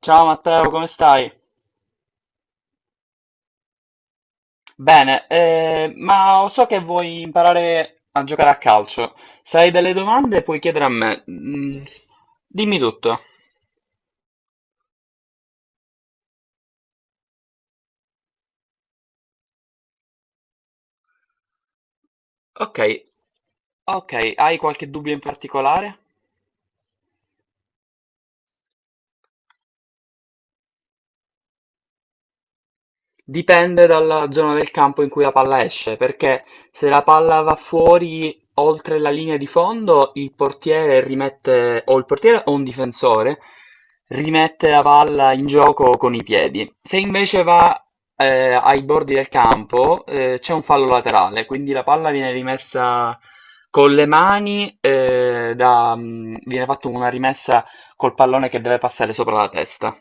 Ciao Matteo, come stai? Bene, ma so che vuoi imparare a giocare a calcio. Se hai delle domande puoi chiedere a me. Dimmi tutto. Ok, ok, hai qualche dubbio in particolare? Dipende dalla zona del campo in cui la palla esce, perché se la palla va fuori oltre la linea di fondo, il portiere rimette, o il portiere o un difensore, rimette la palla in gioco con i piedi. Se invece va ai bordi del campo, c'è un fallo laterale, quindi la palla viene rimessa con le mani, viene fatta una rimessa col pallone che deve passare sopra la testa.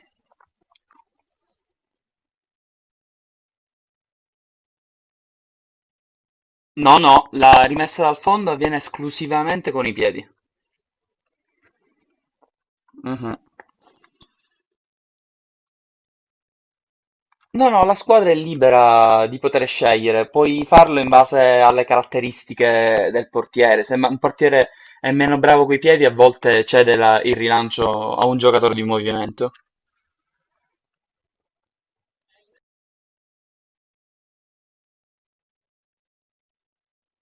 No, no, la rimessa dal fondo avviene esclusivamente con i piedi. Mhm. No, no, la squadra è libera di poter scegliere, puoi farlo in base alle caratteristiche del portiere. Se un portiere è meno bravo coi piedi, a volte cede il rilancio a un giocatore di movimento.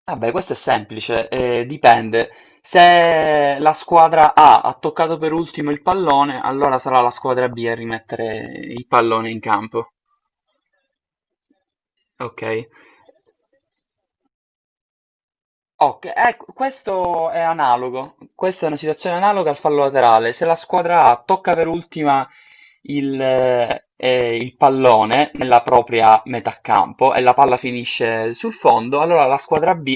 Vabbè, questo è semplice, dipende. Se la squadra A ha toccato per ultimo il pallone, allora sarà la squadra B a rimettere il pallone in campo. Ok? Ok, ecco, questo è analogo, questa è una situazione analoga al fallo laterale. Se la squadra A tocca per ultima il, eh, il pallone nella propria metà campo e la palla finisce sul fondo, allora la squadra B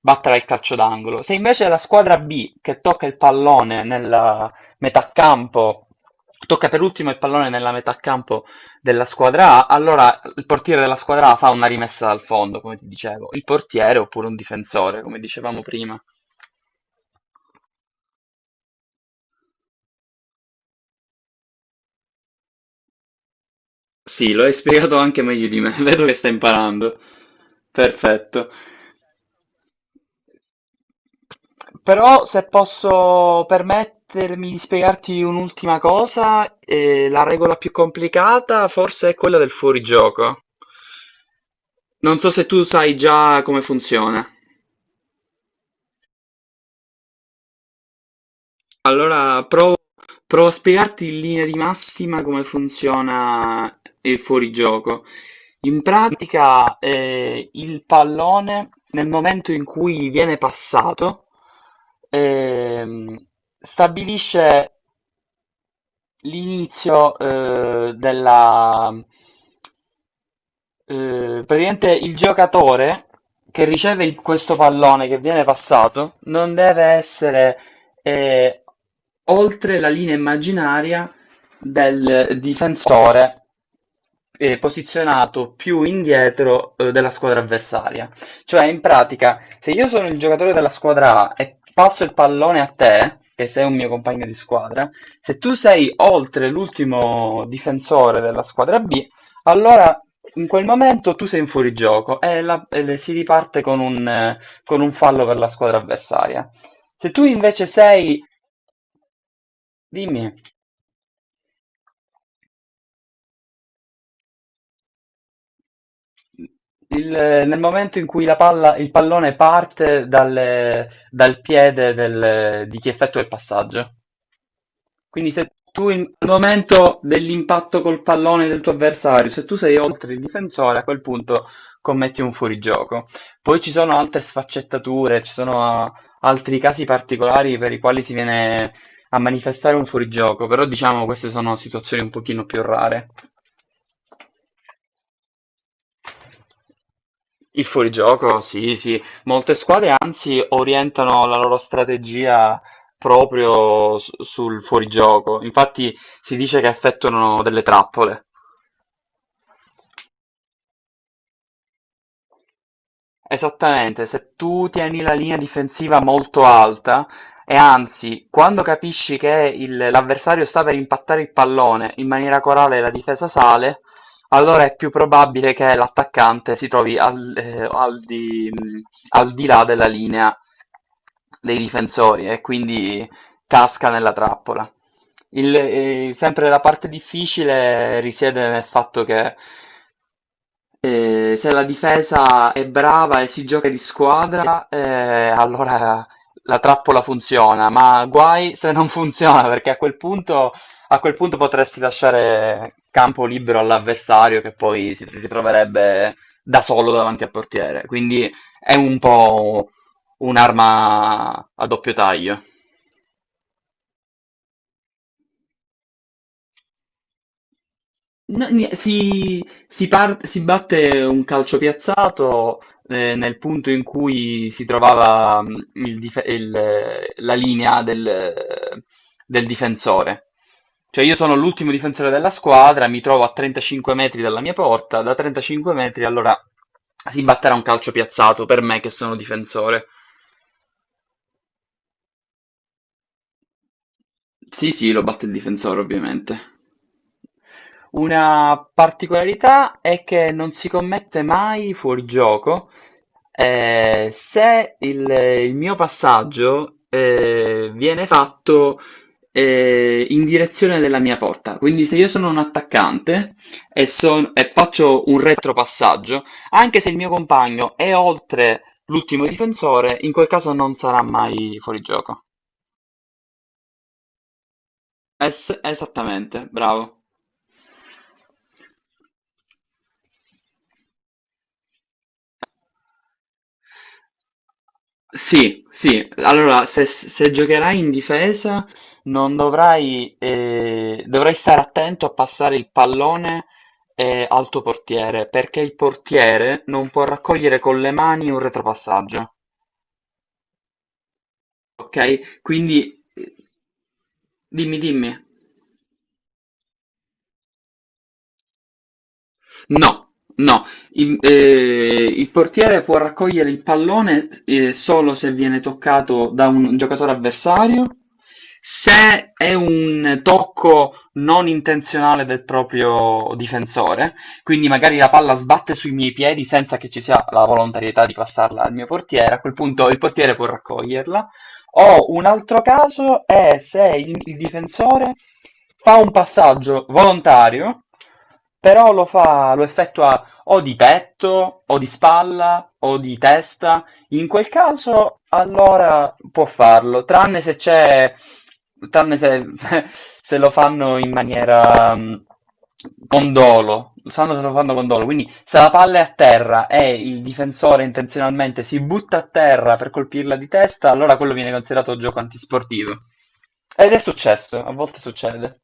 batterà il calcio d'angolo. Se invece la squadra B che tocca il pallone nella metà campo, tocca per ultimo il pallone nella metà campo della squadra A, allora il portiere della squadra A fa una rimessa dal fondo, come ti dicevo, il portiere oppure un difensore, come dicevamo prima. Sì, lo hai spiegato anche meglio di me, vedo che stai imparando. Perfetto. Però se posso permettermi di spiegarti un'ultima cosa, la regola più complicata forse è quella del fuorigioco. Non so se tu sai già come funziona. Allora provo a spiegarti in linea di massima come funziona il fuorigioco. In pratica, il pallone nel momento in cui viene passato, ehm, stabilisce l'inizio, praticamente il giocatore che riceve questo pallone che viene passato non deve essere eh, oltre la linea immaginaria del difensore posizionato più indietro della squadra avversaria. Cioè, in pratica, se io sono il giocatore della squadra A e passo il pallone a te, che sei un mio compagno di squadra, se tu sei oltre l'ultimo difensore della squadra B, allora, in quel momento tu sei in fuorigioco e, si riparte con un fallo per la squadra avversaria. Se tu invece sei, dimmi, nel momento in cui il pallone parte dal piede di chi effettua il passaggio. Quindi se tu al momento dell'impatto col pallone del tuo avversario, se tu sei oltre il difensore, a quel punto commetti un fuorigioco. Poi ci sono altre sfaccettature, ci sono altri casi particolari per i quali si viene a manifestare un fuorigioco, però diciamo queste sono situazioni un pochino più rare. Il fuorigioco, sì, sì. Molte squadre anzi orientano la loro strategia proprio sul fuorigioco. Infatti si dice che effettuano delle trappole. Esattamente, se tu tieni la linea difensiva molto alta e anzi, quando capisci che l'avversario sta per impattare il pallone, in maniera corale e la difesa sale, allora è più probabile che l'attaccante si trovi al di là della linea dei difensori e quindi casca nella trappola. Sempre la parte difficile risiede nel fatto che se la difesa è brava e si gioca di squadra, allora la trappola funziona, ma guai se non funziona, perché a quel punto potresti lasciare campo libero all'avversario che poi si ritroverebbe da solo davanti al portiere. Quindi è un po' un'arma a doppio taglio. No, si batte un calcio piazzato nel punto in cui si trovava la linea del difensore. Cioè io sono l'ultimo difensore della squadra, mi trovo a 35 metri dalla mia porta, da 35 metri allora si batterà un calcio piazzato per me che sono difensore. Sì, sì, lo batte il difensore, ovviamente. Una particolarità è che non si commette mai fuorigioco. Se il mio passaggio viene fatto in direzione della mia porta, quindi se io sono un attaccante e faccio un retropassaggio, anche se il mio compagno è oltre l'ultimo difensore, in quel caso non sarà mai fuorigioco. Esattamente, bravo. Sì, sì, allora se giocherai in difesa non dovrai stare attento a passare il pallone al tuo portiere, perché il portiere non può raccogliere con le mani un retropassaggio, ok? Quindi dimmi, dimmi. No, no, il portiere può raccogliere il pallone solo se viene toccato da un giocatore avversario, se è un tocco non intenzionale del proprio difensore, quindi magari la palla sbatte sui miei piedi senza che ci sia la volontarietà di passarla al mio portiere, a quel punto il portiere può raccoglierla. O un altro caso è se il difensore fa un passaggio volontario, però lo effettua o di petto, o di spalla, o di testa, in quel caso, allora può farlo, tranne se c'è, tranne se, se lo fanno in maniera con dolo, sanno se lo fanno con dolo, quindi se la palla è a terra e il difensore intenzionalmente si butta a terra per colpirla di testa, allora quello viene considerato gioco antisportivo. Ed è successo, a volte succede.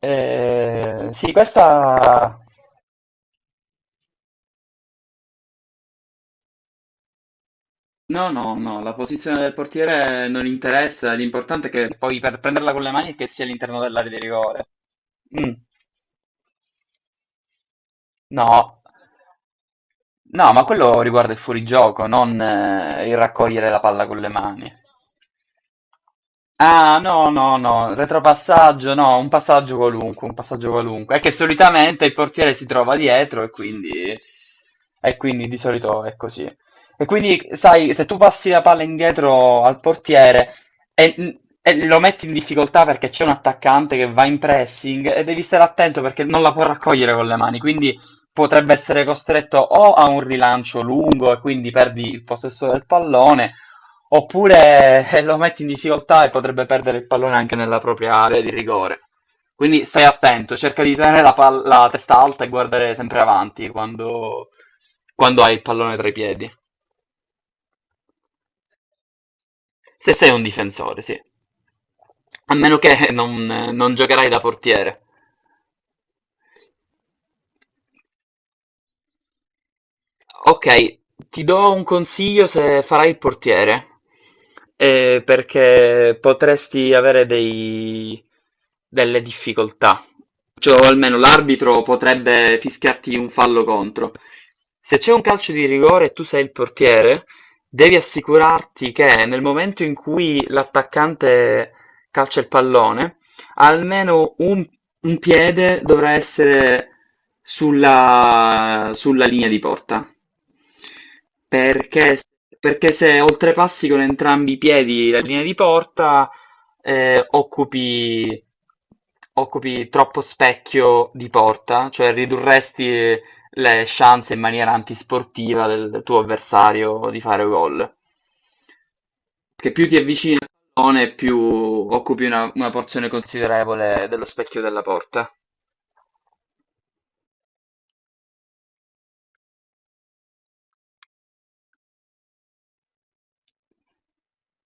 Sì, questa. No, no, no, la posizione del portiere non interessa, l'importante è che poi per prenderla con le mani è che sia all'interno dell'area di rigore. Mm, no, no, ma quello riguarda il fuorigioco, non il raccogliere la palla con le mani. Ah, no, no, no, retropassaggio, no, un passaggio qualunque, un passaggio qualunque. È che solitamente il portiere si trova dietro e quindi, di solito è così. E quindi, sai, se tu passi la palla indietro al portiere e lo metti in difficoltà perché c'è un attaccante che va in pressing e devi stare attento perché non la può raccogliere con le mani, quindi potrebbe essere costretto o a un rilancio lungo e quindi perdi il possesso del pallone . Oppure lo metti in difficoltà e potrebbe perdere il pallone anche nella propria area di rigore. Quindi stai attento, cerca di tenere la testa alta e guardare sempre avanti quando hai il pallone tra i piedi. Se sei un difensore, sì. A meno che non giocherai da portiere. Ok, ti do un consiglio se farai il portiere, perché potresti avere delle difficoltà, cioè o almeno l'arbitro potrebbe fischiarti un fallo contro. Se c'è un calcio di rigore e tu sei il portiere, devi assicurarti che nel momento in cui l'attaccante calcia il pallone, almeno un piede dovrà essere sulla linea di porta. Perché, perché se oltrepassi con entrambi i piedi la linea di porta, eh, occupi, occupi troppo specchio di porta, cioè ridurresti le chance in maniera antisportiva del tuo avversario di fare gol. Che più ti avvicini al pallone, più occupi una porzione considerevole dello specchio della porta.